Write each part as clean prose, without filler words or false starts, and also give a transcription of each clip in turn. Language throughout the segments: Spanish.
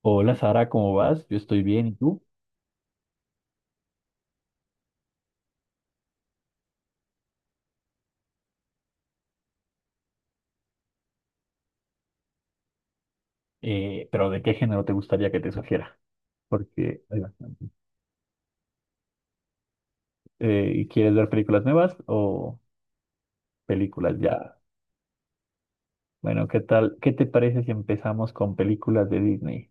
Hola Sara, ¿cómo vas? Yo estoy bien, ¿y tú? Pero ¿de qué género te gustaría que te sugiera? Porque hay bastante. ¿Quieres ver películas nuevas o películas ya? Bueno, ¿qué tal? ¿Qué te parece si empezamos con películas de Disney?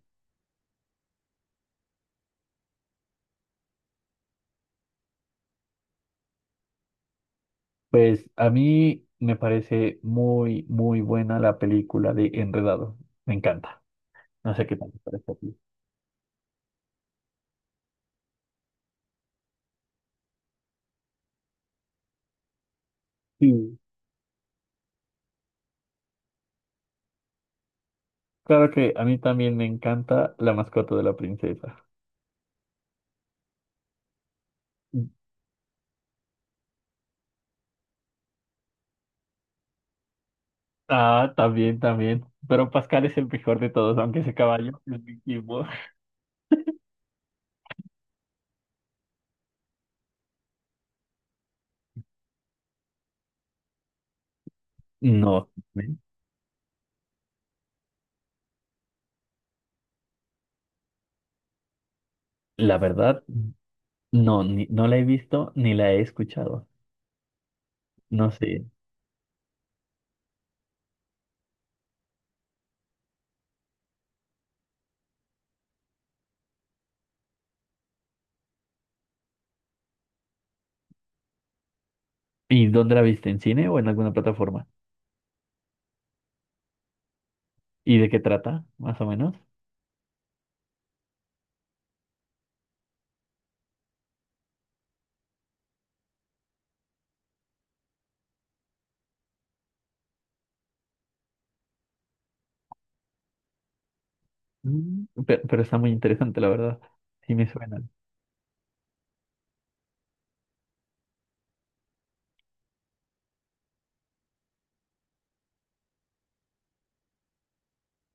Pues a mí me parece muy, muy buena la película de Enredado. Me encanta. No sé qué tal te parece a ti. Sí. Claro que a mí también me encanta La mascota de la princesa. Ah, también, también. Pero Pascal es el mejor de todos, aunque ese caballo es víctima. No, la verdad, no, no la he visto ni la he escuchado. No sé. ¿Y dónde la viste? ¿En cine o en alguna plataforma? ¿Y de qué trata, más o menos? Mm, pero, está muy interesante, la verdad. Sí me suena.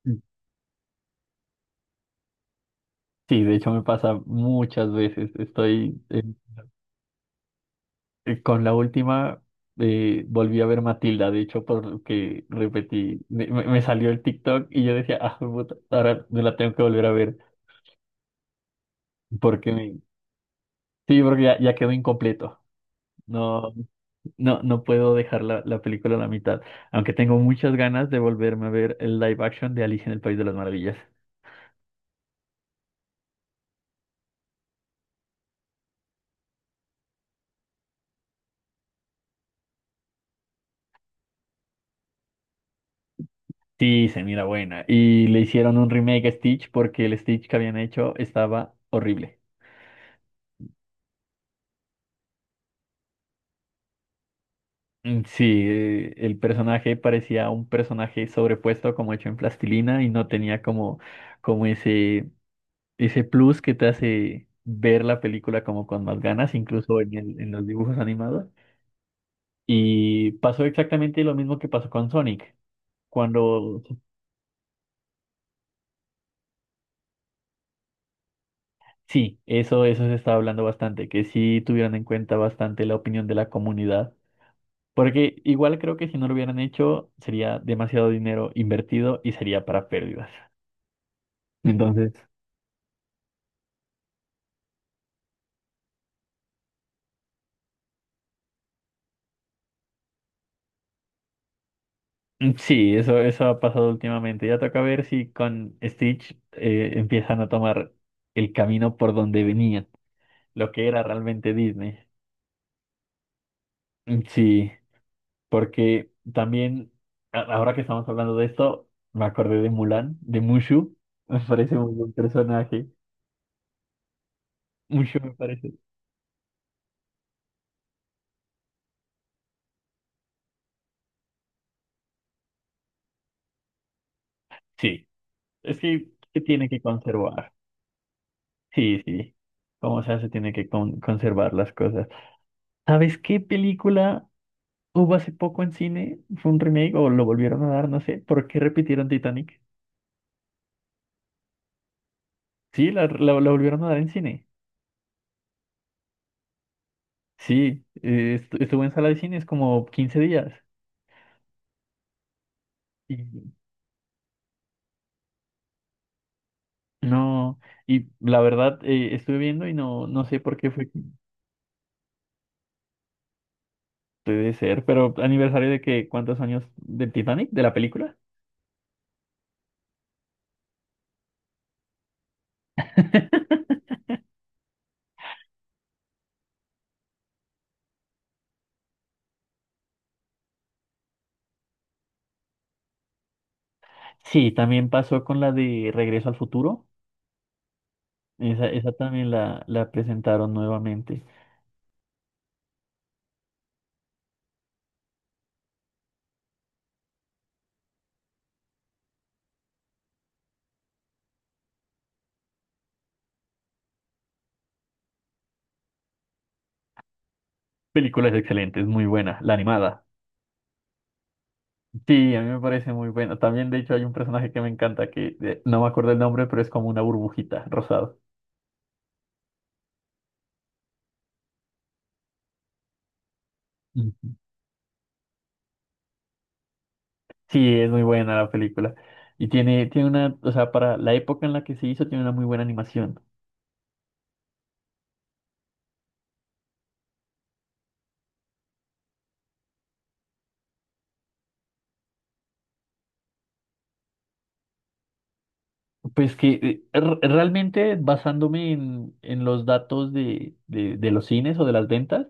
Mm. Sí, de hecho me pasa muchas veces. Estoy Con la última volví a ver Matilda, de hecho, porque repetí, me salió el TikTok y yo decía, ah, puta, ahora me la tengo que volver a ver, porque me- sí, porque ya quedó incompleto. No, no, no puedo dejar la película a la mitad, aunque tengo muchas ganas de volverme a ver el live action de Alicia en el País de las Maravillas. Sí, se mira buena. Y le hicieron un remake a Stitch porque el Stitch que habían hecho estaba horrible. Mm, sí, el personaje parecía un personaje sobrepuesto como hecho en plastilina y no tenía como ese, ese plus que te hace ver la película como con más ganas, incluso en los dibujos animados. Y pasó exactamente lo mismo que pasó con Sonic. Cuando, sí, eso se estaba hablando bastante, que sí tuvieran en cuenta bastante la opinión de la comunidad. Porque igual creo que si no lo hubieran hecho, sería demasiado dinero invertido y sería para pérdidas. Entonces. Mm, sí, eso ha pasado últimamente. Ya toca ver si con Stitch empiezan a tomar el camino por donde venían, lo que era realmente Disney. Mm, sí, porque también, ahora que estamos hablando de esto, me acordé de Mulan, de Mushu. Me parece un buen personaje. Mushu me parece. Sí, es que se tiene que conservar. Sí, sí. Como sea, se tiene que conservar las cosas. ¿Sabes qué película hubo hace poco en cine? Fue un remake o lo volvieron a dar, no sé, ¿por qué repitieron Titanic? Sí, la volvieron a dar en cine. Sí, estuve en sala de cines como 15 días. Y no, la verdad, estuve viendo y no sé por qué fue. Puede ser, pero aniversario de que, ¿cuántos años del Titanic, de la película? Sí, también pasó con la de Regreso al Futuro. Esa también la presentaron nuevamente. Película es excelente, es muy buena, la animada. Sí, a mí me parece muy bueno. También, de hecho, hay un personaje que me encanta, que no me acuerdo el nombre, pero es como una burbujita rosada. Ujú. Sí, es muy buena la película. Y tiene una, o sea, para la época en la que se hizo, tiene una muy buena animación. Pues que realmente basándome en los datos de los cines o de las ventas,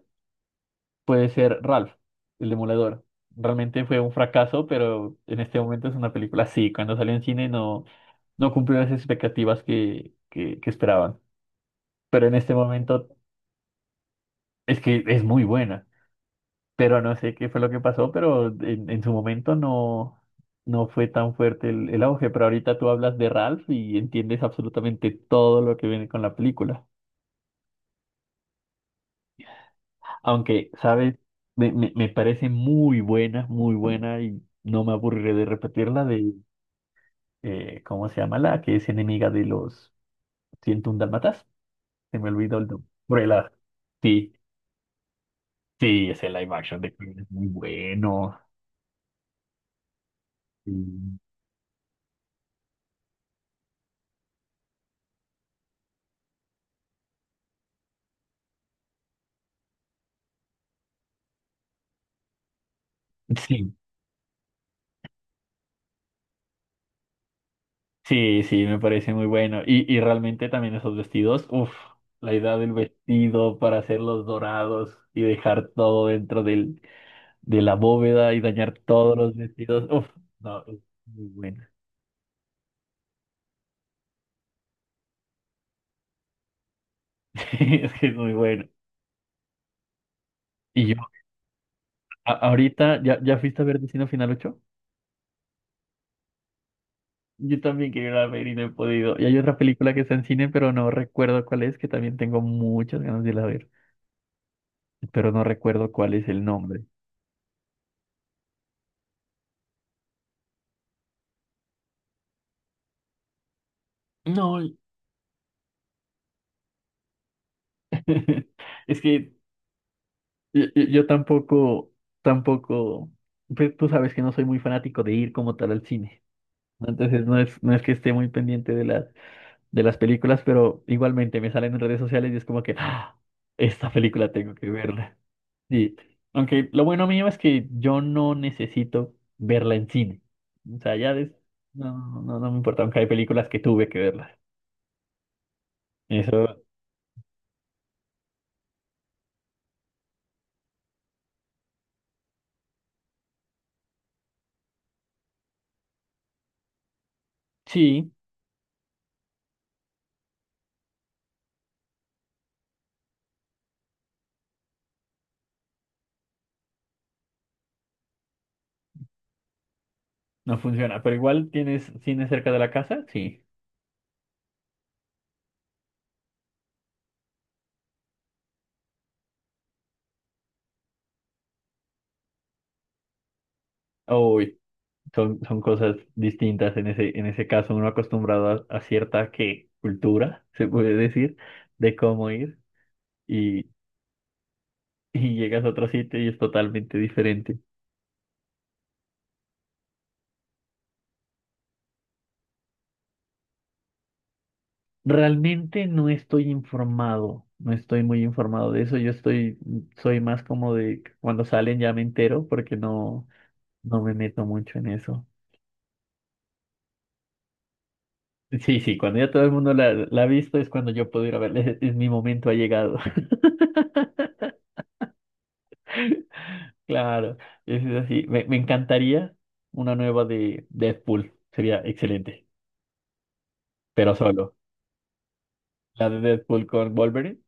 puede ser Ralph, el Demoledor. Realmente fue un fracaso, pero en este momento es una película. Sí, cuando salió en cine no, cumplió las expectativas que esperaban. Pero en este momento es que es muy buena, pero no sé qué fue lo que pasó, pero en su momento no fue tan fuerte el auge, pero ahorita tú hablas de Ralph y entiendes absolutamente todo lo que viene con la película, aunque, ¿sabes? Me parece muy buena y no me aburriré de repetirla. ¿Cómo se llama la que es enemiga de los 101 dálmatas? Se me olvidó el nombre. Cruella. Sí, sí, ese live action de Cruella es muy bueno. Sí. Sí, sí, sí, me parece muy bueno. Y realmente también esos vestidos, uff, la idea del vestido para hacerlos dorados y dejar todo dentro de la bóveda y dañar todos los vestidos, uff, no, es muy bueno. Sí, es que es muy bueno. Y yo, ahorita, ¿ya fuiste a ver Destino Final Ocho? Yo también quería ir a ver y no he podido. Y hay otra película que está en cine, pero no recuerdo cuál es, que también tengo muchas ganas de ir a ver, pero no recuerdo cuál es el nombre. No, es que yo tampoco, tampoco, pues tú sabes que no soy muy fanático de ir como tal al cine. ¿No? Entonces no es que esté muy pendiente de las, películas, pero igualmente me salen en redes sociales y es como que, "Ah, esta película tengo que verla." Sí, aunque lo bueno mío es que yo no necesito verla en cine. O sea, ya no, no, no no me importa, aunque hay películas que tuve que verlas. Eso sí, no funciona, pero igual tienes cine cerca de la casa, sí. Uy. Son cosas distintas en ese caso, uno acostumbrado a cierta que cultura, se puede decir, de cómo ir y, y llegas a otro sitio y es totalmente diferente. Realmente no estoy informado, no estoy muy informado de eso, soy más como de cuando salen ya me entero porque no me meto mucho en eso. Sí, sí, cuando ya todo el mundo la ha visto es cuando yo puedo ir a verle, es mi momento ha llegado. Claro, es así. Me- encantaría una nueva de Deadpool. Sería excelente, pero solo. La de Deadpool con Wolverine.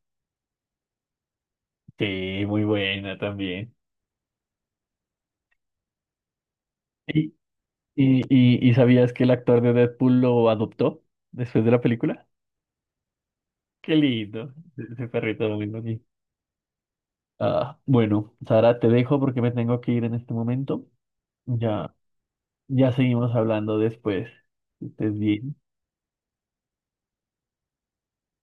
Sí, muy buena también. ¿Y, y sabías que el actor de Deadpool lo adoptó después de la película? Qué lindo. Ese perrito muy bonito. Ah, bueno, Sara, te dejo porque me tengo que ir en este momento. Ya, ya seguimos hablando después. Que estés bien.